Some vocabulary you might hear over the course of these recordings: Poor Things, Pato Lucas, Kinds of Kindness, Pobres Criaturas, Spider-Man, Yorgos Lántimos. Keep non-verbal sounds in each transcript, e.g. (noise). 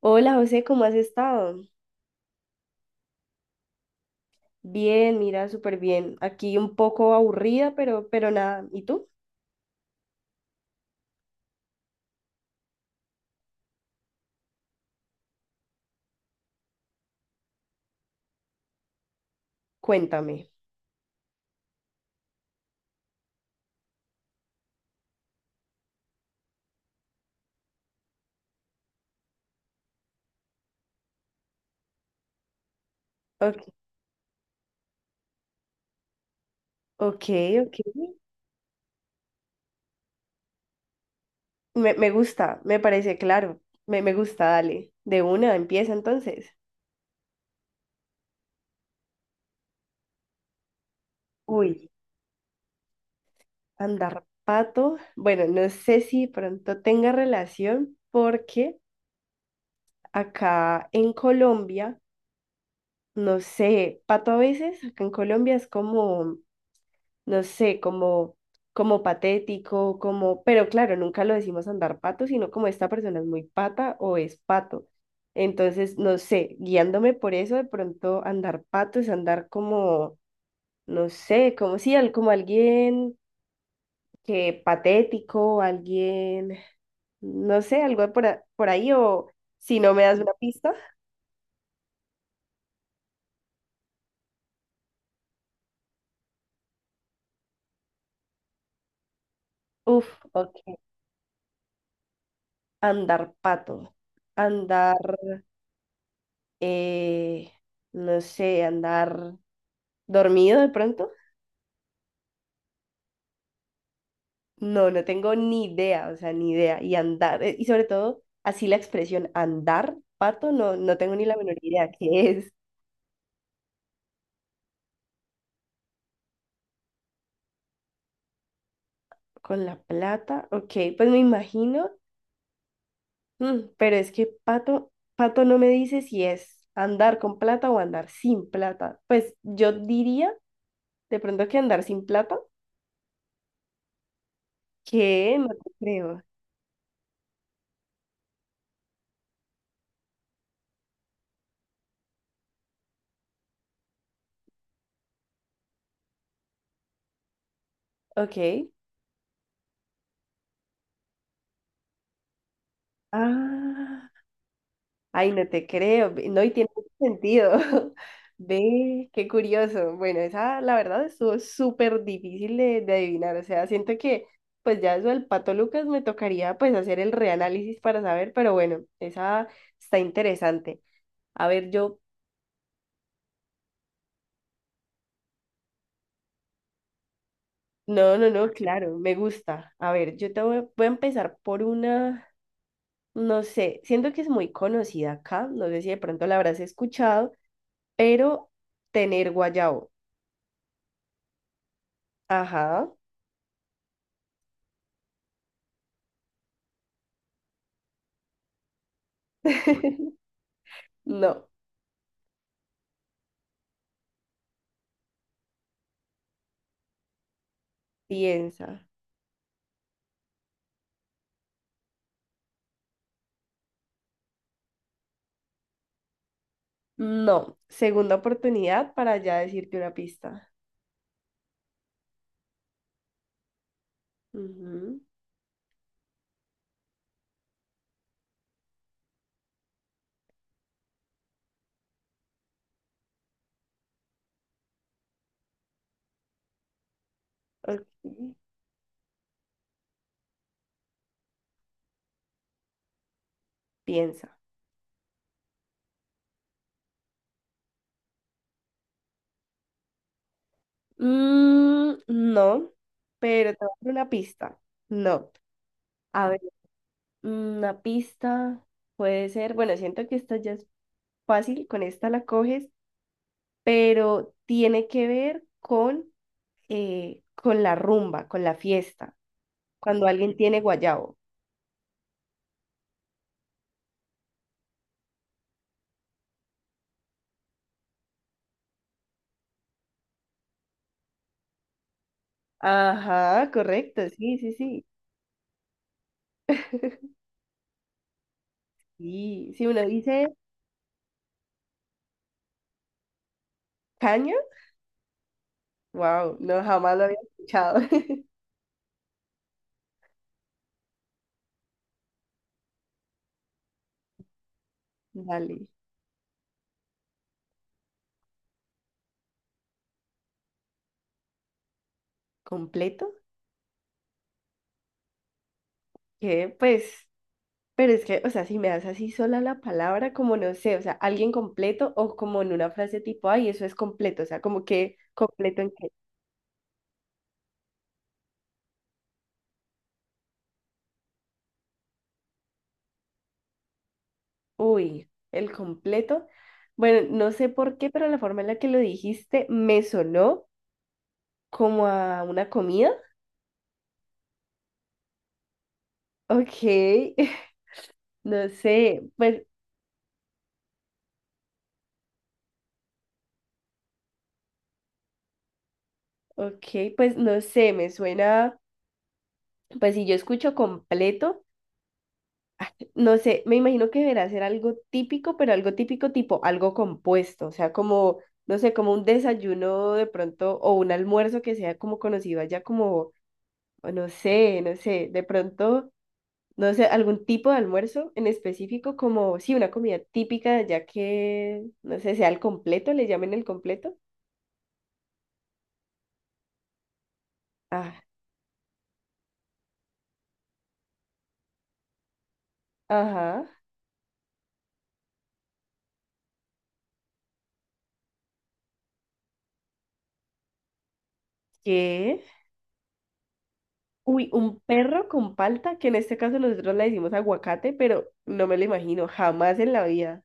Hola José, ¿cómo has estado? Bien, mira, súper bien. Aquí un poco aburrida, pero nada. ¿Y tú? Cuéntame. Ok, ok. Ok. Me gusta, me parece claro. Me gusta, dale. De una, empieza entonces. Uy, andar pato. Bueno, no sé si pronto tenga relación porque acá en Colombia, no sé, pato a veces, acá en Colombia es como no sé, como, como patético, como, pero claro, nunca lo decimos andar pato, sino como esta persona es muy pata o es pato. Entonces, no sé, guiándome por eso, de pronto andar pato es andar como, no sé, como si al, como alguien que patético, alguien, no sé, algo por, por ahí, o si no me das una pista, uff, ok, andar pato, andar, eh, no sé, andar. ¿Dormido de pronto? No, no tengo ni idea, o sea, ni idea. Y andar, y sobre todo, así la expresión andar, pato, no, no tengo ni la menor idea qué es. Con la plata, ok, pues me imagino, mm, pero es que pato, pato no me dice si es andar con plata o andar sin plata. Pues yo diría de pronto que andar sin plata, que no te creo. Ok. Ah. Ay, no te creo, no, y tiene mucho sentido. (laughs) Ve, qué curioso. Bueno, esa la verdad estuvo súper difícil de adivinar. O sea, siento que pues ya eso del Pato Lucas me tocaría pues hacer el reanálisis para saber, pero bueno, esa está interesante. A ver, yo, no, no, no, claro, me gusta. A ver, yo te voy, voy a empezar por una, no sé, siento que es muy conocida acá, no sé si de pronto la habrás escuchado, pero tener guayabo. Ajá. (laughs) No, piensa. No, segunda oportunidad para ya decirte una pista. Ujú. Ok, piensa. Mm, no, pero te voy a dar una pista. No. A ver, una pista puede ser, bueno, siento que esta ya es fácil, con esta la coges, pero tiene que ver con la rumba, con la fiesta, cuando alguien tiene guayabo. Ajá, correcto, sí, sí, sí. (laughs) Sí, si uno dice caña, wow, no, jamás lo había escuchado. (laughs) Dale, completo, que pues, pero es que, o sea, si me das así sola la palabra, como no sé, o sea, alguien completo o como en una frase tipo, ay, eso es completo, o sea, como que completo en qué, uy, el completo. Bueno, no sé por qué, pero la forma en la que lo dijiste me sonó como a una comida. Ok, (laughs) no sé, pues, ok, pues no sé, me suena, pues si yo escucho completo. No sé, me imagino que deberá ser algo típico, pero algo típico tipo algo compuesto, o sea, como, no sé, como un desayuno de pronto o un almuerzo que sea como conocido allá como, o no sé, no sé, de pronto, no sé, algún tipo de almuerzo en específico como, sí, una comida típica de allá que, no sé, sea el completo, le llamen el completo. Ah, ajá, ¿qué? Uy, un perro con palta, que en este caso nosotros le decimos aguacate, pero no me lo imagino jamás en la vida.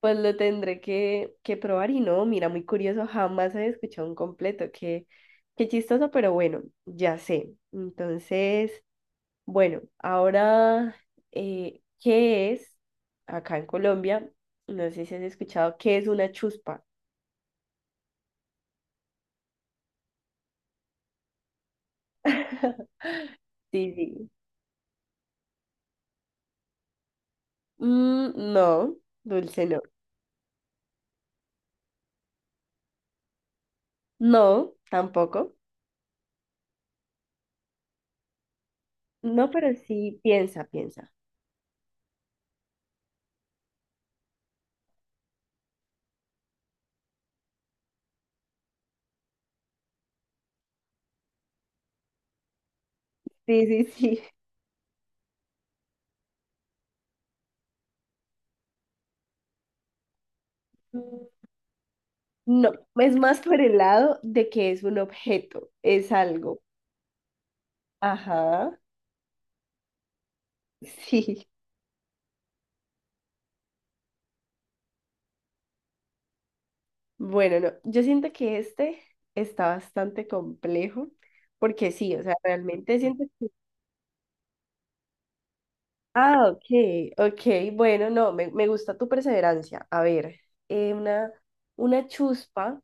Pues lo tendré que probar y no, mira, muy curioso, jamás he escuchado un completo, qué, qué chistoso, pero bueno, ya sé. Entonces, bueno, ahora, ¿qué es acá en Colombia? No sé si has escuchado, ¿qué es una chuspa? (laughs) Sí, sí. Mm, no, dulce no. No, tampoco. No, pero sí, piensa, piensa. Sí, sí, sí. No, es más por el lado de que es un objeto, es algo. Ajá, (laughs) sí. Bueno, no, yo siento que este está bastante complejo, porque sí, o sea, realmente siento que... Ah, ok, ok, bueno, no, me gusta tu perseverancia. A ver, eh, una, una chuspa,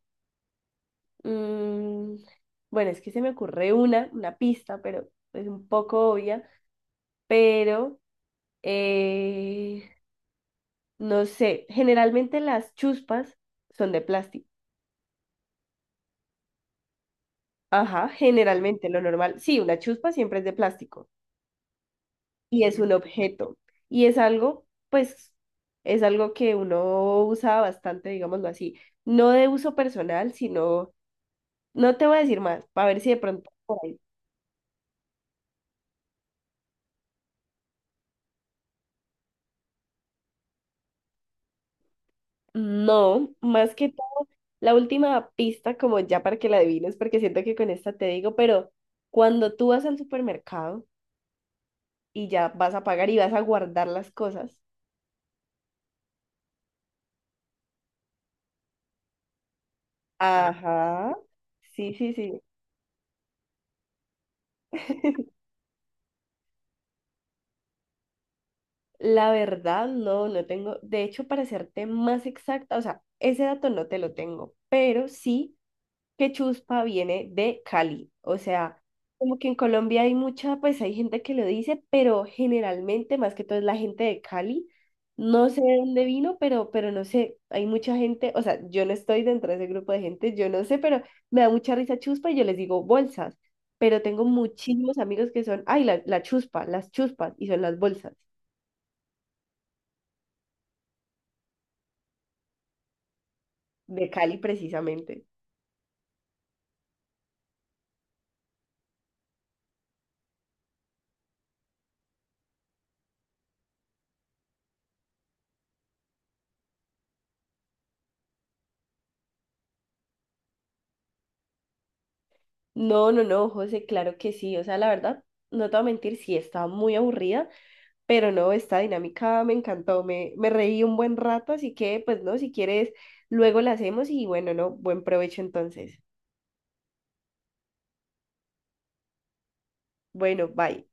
mm, bueno, es que se me ocurre una pista, pero es un poco obvia, pero, eh, no sé, generalmente las chuspas son de plástico. Ajá, generalmente lo normal. Sí, una chuspa siempre es de plástico y es un objeto y es algo, pues, es algo que uno usa bastante, digámoslo así. No de uso personal, sino, no te voy a decir más, para ver si de pronto por ahí. No, más que todo, la última pista, como ya para que la adivines, porque siento que con esta te digo, pero cuando tú vas al supermercado y ya vas a pagar y vas a guardar las cosas. Ajá, sí, sí, sí. La verdad, no, no tengo. De hecho, para serte más exacta, o sea, ese dato no te lo tengo, pero sí que Chuspa viene de Cali. O sea, como que en Colombia hay mucha, pues hay gente que lo dice, pero generalmente, más que todo, es la gente de Cali. No sé de dónde vino, pero no sé, hay mucha gente, o sea, yo no estoy dentro de ese grupo de gente, yo no sé, pero me da mucha risa Chuspa y yo les digo bolsas, pero tengo muchísimos amigos que son, ay, la Chuspa, las Chuspas, y son las bolsas. De Cali precisamente. No, no, no, José, claro que sí. O sea, la verdad, no te voy a mentir, sí, estaba muy aburrida, pero no, esta dinámica me encantó, me reí un buen rato, así que, pues no, si quieres, luego la hacemos y bueno, no, buen provecho entonces. Bueno, bye.